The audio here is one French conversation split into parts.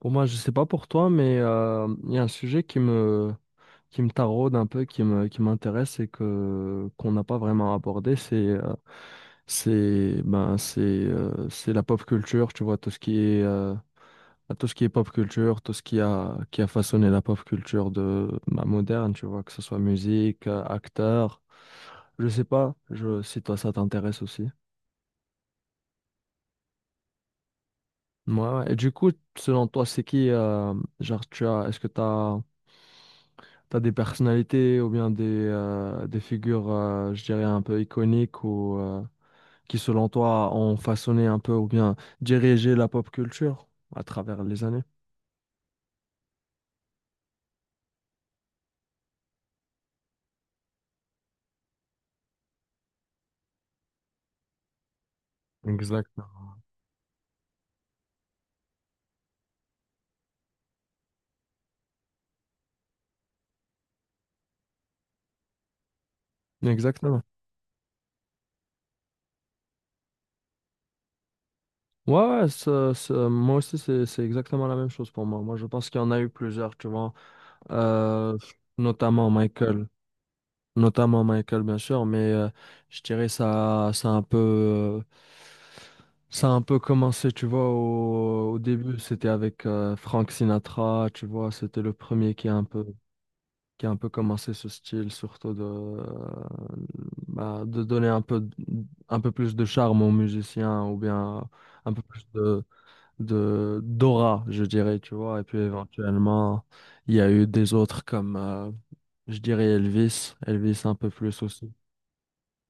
Pour moi, je sais pas pour toi, mais il y a un sujet qui me taraude un peu, qui m'intéresse et qu'on n'a pas vraiment abordé, c'est la pop culture, tu vois, tout ce qui est pop culture, tout ce qui a façonné la pop culture de, ben, moderne, tu vois, que ce soit musique, acteur, je sais pas, si toi ça t'intéresse aussi. Ouais, ouais. Et du coup, selon toi, c'est qui, genre, tu as, est-ce que t'as T'as des personnalités ou bien des figures, je dirais, un peu iconiques ou qui, selon toi, ont façonné un peu ou bien dirigé la pop culture à travers les années? Exactement. Exactement. Ouais, ouais, moi aussi, c'est exactement la même chose pour moi. Moi, je pense qu'il y en a eu plusieurs, tu vois, euh, notamment Michael. Notamment Michael, bien sûr, mais je dirais ça a un peu, ça a un peu commencé, tu vois, au début, c'était avec Frank Sinatra, tu vois, c'était le premier qui a un peu, qui a un peu commencé ce style, surtout de donner un peu, un peu plus de charme aux musiciens ou bien un peu plus de d'aura, je dirais, tu vois. Et puis éventuellement, il y a eu des autres comme, je dirais Elvis, Elvis un peu plus aussi.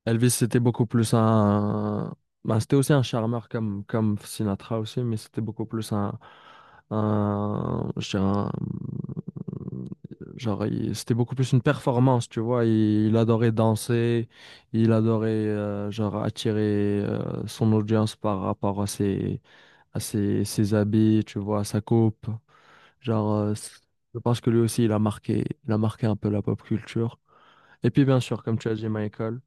Elvis, c'était beaucoup plus un... bah, c'était aussi un charmeur comme, comme Sinatra aussi, mais c'était beaucoup plus un... Je dirais Genre, c'était beaucoup plus une performance, tu vois. Il adorait danser, il adorait, genre, attirer son audience par rapport à ses, ses habits, tu vois, à sa coupe. Genre, je pense que lui aussi, il a marqué un peu la pop culture. Et puis, bien sûr, comme tu as dit, Michael.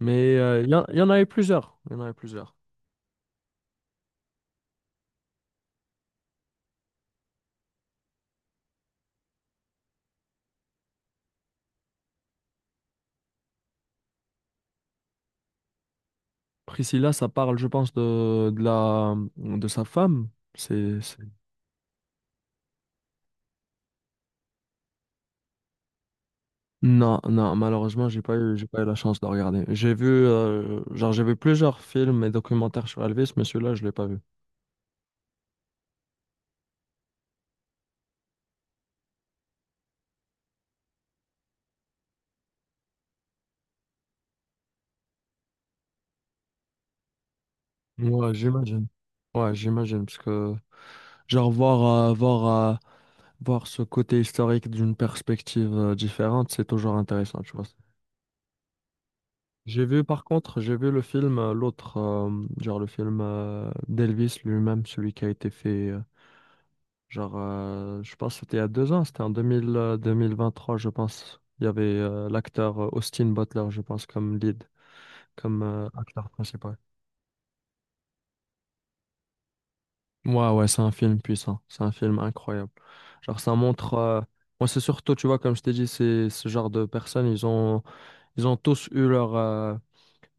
Mais il y en a eu plusieurs. Il y en a eu plusieurs. Priscilla, ça parle, je pense, de sa femme. C'est, c'est- Non, non, malheureusement, j'ai pas eu la chance de regarder. J'ai vu, j'ai vu plusieurs films et documentaires sur Elvis, mais celui-là, je l'ai pas vu. Ouais, j'imagine. Ouais, j'imagine, parce que, genre, euh, Voir ce côté historique d'une perspective différente, c'est toujours intéressant, tu vois. J'ai vu, par contre, j'ai vu le film, genre le film d'Elvis lui-même, celui qui a été fait, je pense que c'était il y a 2 ans, c'était en 2000, 2023, je pense. Il y avait l'acteur Austin Butler, je pense, comme lead, comme acteur principal. Ouais, ouais, c'est un film puissant, c'est un film incroyable. Genre, ça montre. Moi, c'est surtout, tu vois, comme je t'ai dit, c'est ce genre de personnes, ils ont tous eu leur, euh,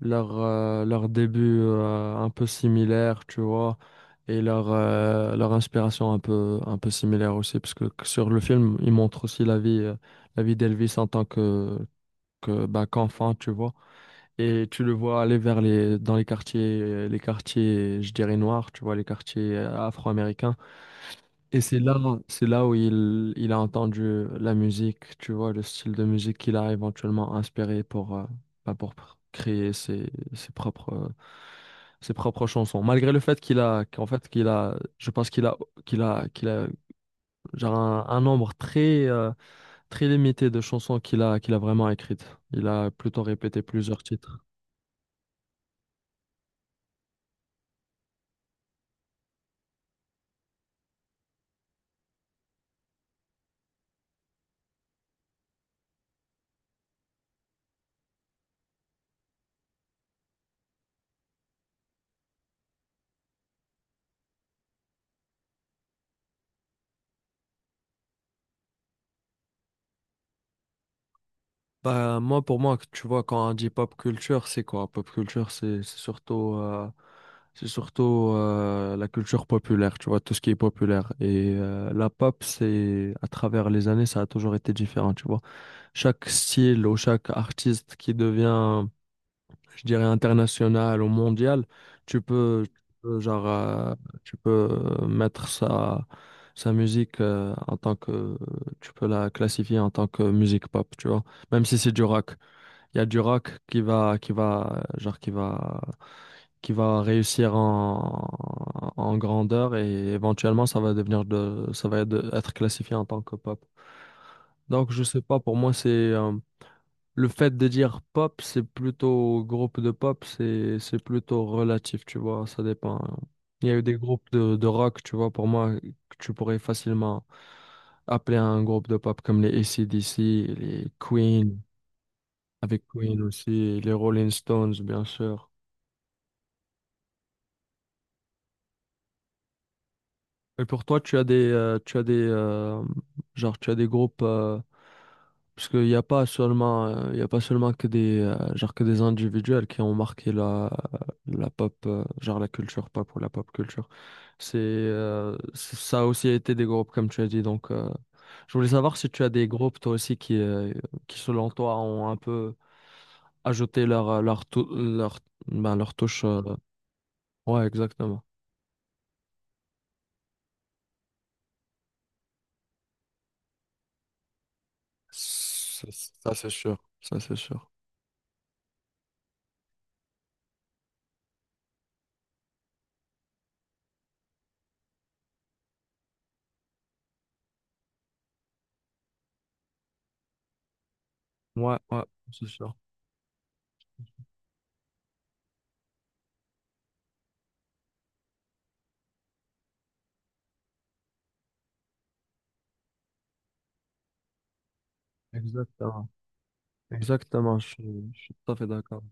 leur, euh, leur début un peu similaire, tu vois, et leur, leur inspiration un peu similaire aussi, parce que sur le film, ils montrent aussi la vie d'Elvis en tant que, bah, qu'enfant, tu vois. Et tu le vois aller vers dans les quartiers, je dirais noirs, tu vois, les quartiers afro-américains. Et c'est là où il a entendu la musique, tu vois, le style de musique qu'il a éventuellement inspiré pour, pour créer ses, ses propres chansons. Malgré le fait qu'il a, je pense qu'il a, genre un nombre très, très limité de chansons qu'il a vraiment écrites. Il a plutôt répété plusieurs titres. Bah, moi, pour moi, tu vois, quand on dit pop culture, c'est quoi? Pop culture, C'est surtout la culture populaire, tu vois, tout ce qui est populaire. Et la pop, c'est à travers les années, ça a toujours été différent, tu vois. Chaque style ou chaque artiste qui devient, je dirais, international ou mondial, genre, tu peux mettre sa, sa musique en tant que, tu peux la classifier en tant que musique pop, tu vois, même si c'est du rock. Il y a du rock genre qui va réussir en, en grandeur et éventuellement ça va devenir de, ça va être, être classifié en tant que pop. Donc je sais pas, pour moi c'est le fait de dire pop, c'est plutôt groupe de pop, c'est plutôt relatif, tu vois, ça dépend. Il y a eu des groupes de rock, tu vois, pour moi que tu pourrais facilement appeler un groupe de pop comme les AC/DC, les Queen, avec Queen aussi, les Rolling Stones, bien sûr. Et pour toi, tu as des, genre, tu as des groupes, parce qu'il n'y a pas seulement, il y a pas seulement que des, que des individuels qui ont marqué la, euh, la pop, genre la culture pop ou la pop culture. Ça a aussi été des groupes, comme tu as dit. Donc, je voulais savoir si tu as des groupes, toi aussi, qui selon toi, ont un peu ajouté leur, ben, leur touche. Ouais, exactement. Ça, ça, c'est sûr. Ça, c'est sûr. Ouais, ouais, c'est sûr. Exactement. Exactement, je suis tout à fait d'accord.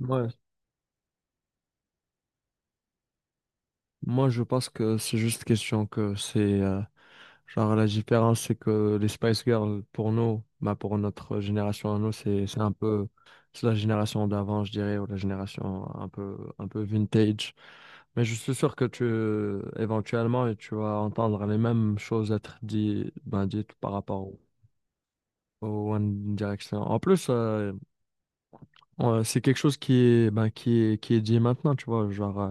Ouais. Moi, je pense que c'est juste question que genre, la différence, c'est que les Spice Girls, pour nous, bah, pour notre génération à nous, c'est un peu... C'est la génération d'avant, je dirais, ou la génération un peu vintage. Mais je suis sûr que tu, éventuellement, tu vas entendre les mêmes choses être dites, ben, dites par rapport au One Direction. En plus, c'est quelque chose qui est, ben, qui est dit maintenant, tu vois. Genre, euh,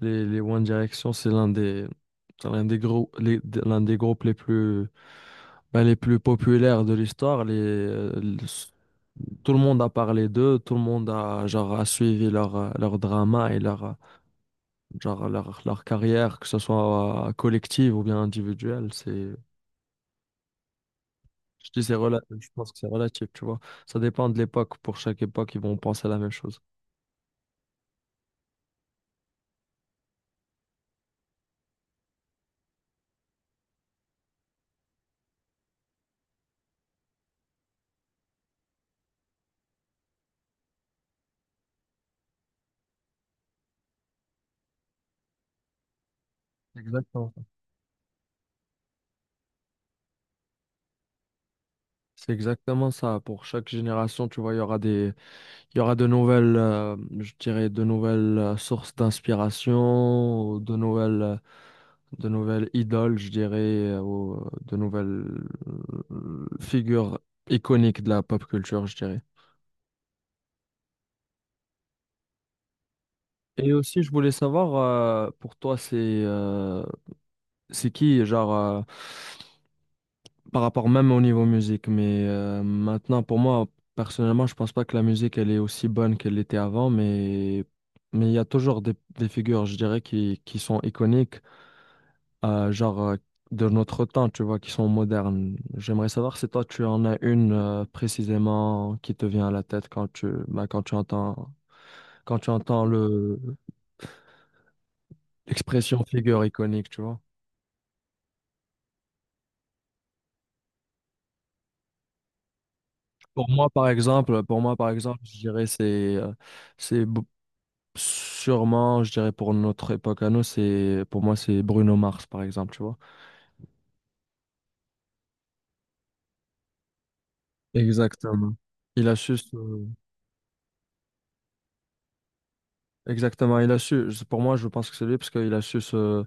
les, les One Direction, c'est l'un des gros, l'un des groupes les plus, ben, les plus populaires de l'histoire. Tout le monde a parlé d'eux, tout le monde a, genre, a suivi leur, leur drama et leur, genre, leur carrière, que ce soit collective ou bien individuelle. C'est Je dis c'est relatif, je pense que c'est relatif, tu vois. Ça dépend de l'époque. Pour chaque époque, ils vont penser la même chose. C'est exactement ça. C'est exactement ça. Pour chaque génération, tu vois, il y aura de nouvelles, je dirais, de nouvelles sources d'inspiration, ou de nouvelles idoles, je dirais, ou de nouvelles figures iconiques de la pop culture, je dirais. Et aussi, je voulais savoir, pour toi, c'est qui, genre, par rapport même au niveau musique. Mais maintenant, pour moi, personnellement, je pense pas que la musique, elle est aussi bonne qu'elle l'était avant, mais il y a toujours des figures, je dirais, qui sont iconiques, euh, genre euh, de notre temps, tu vois, qui sont modernes. J'aimerais savoir si toi, tu en as une précisément qui te vient à la tête quand tu, bah, quand tu entends l'expression figure iconique, tu vois. Pour moi, par exemple, pour moi, par exemple, je dirais euh, c'est Bo- Sûrement, je dirais pour notre époque à nous, c'est pour moi c'est Bruno Mars par exemple, tu vois. Exactement. Il a su se- Exactement, il a su je- pour moi je pense que c'est lui parce qu'il a su se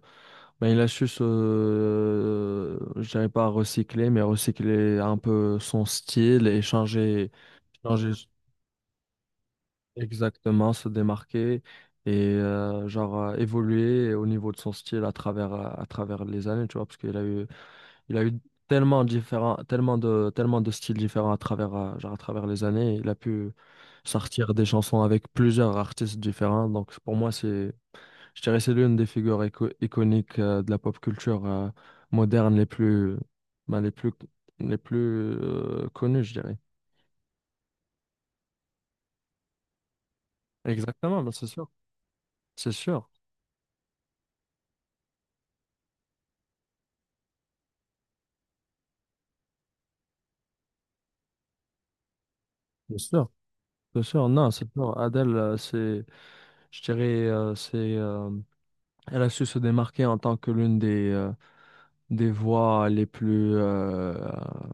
ben, il a su se je dirais pas recycler mais recycler un peu son style et changer, exactement se démarquer et évoluer au niveau de son style à travers les années, tu vois parce qu'il a eu. Il a eu tellement différents, tellement de styles différents à travers, à travers les années. Il a pu sortir des chansons avec plusieurs artistes différents. Donc pour moi, je dirais, c'est l'une des figures iconiques de la pop culture moderne les plus, ben, les plus connues, je dirais. Exactement, ben, c'est sûr, c'est sûr, c'est sûr. Non, c'est sûr. Adele, je dirais, elle a su se démarquer en tant que l'une des voix les plus, euh,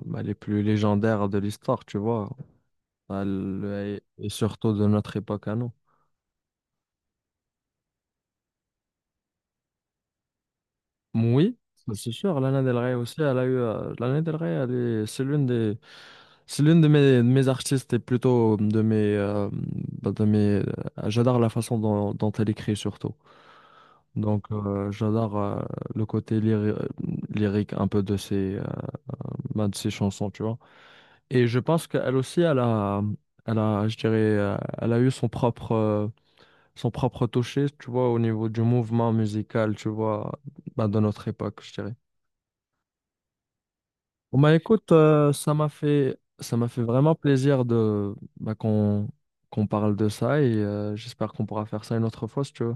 bah, les plus légendaires de l'histoire, tu vois, À et surtout de notre époque à nous. Oui, ça, c'est sûr, Lana Del Rey aussi, elle a eu, Lana Del Rey, c'est l'une des, c'est l'une de mes artistes et plutôt de mes, de mes, j'adore la façon dont elle écrit surtout. Donc, j'adore le côté lyrique un peu de ses, de ses chansons, tu vois. Et je pense qu'elle aussi, elle a, je dirais, elle a eu son propre toucher, tu vois, au niveau du mouvement musical, tu vois, bah, de notre époque, je dirais. Bon, bah, écoute, ça m'a fait vraiment plaisir de, bah, qu'on parle de ça et j'espère qu'on pourra faire ça une autre fois si tu veux.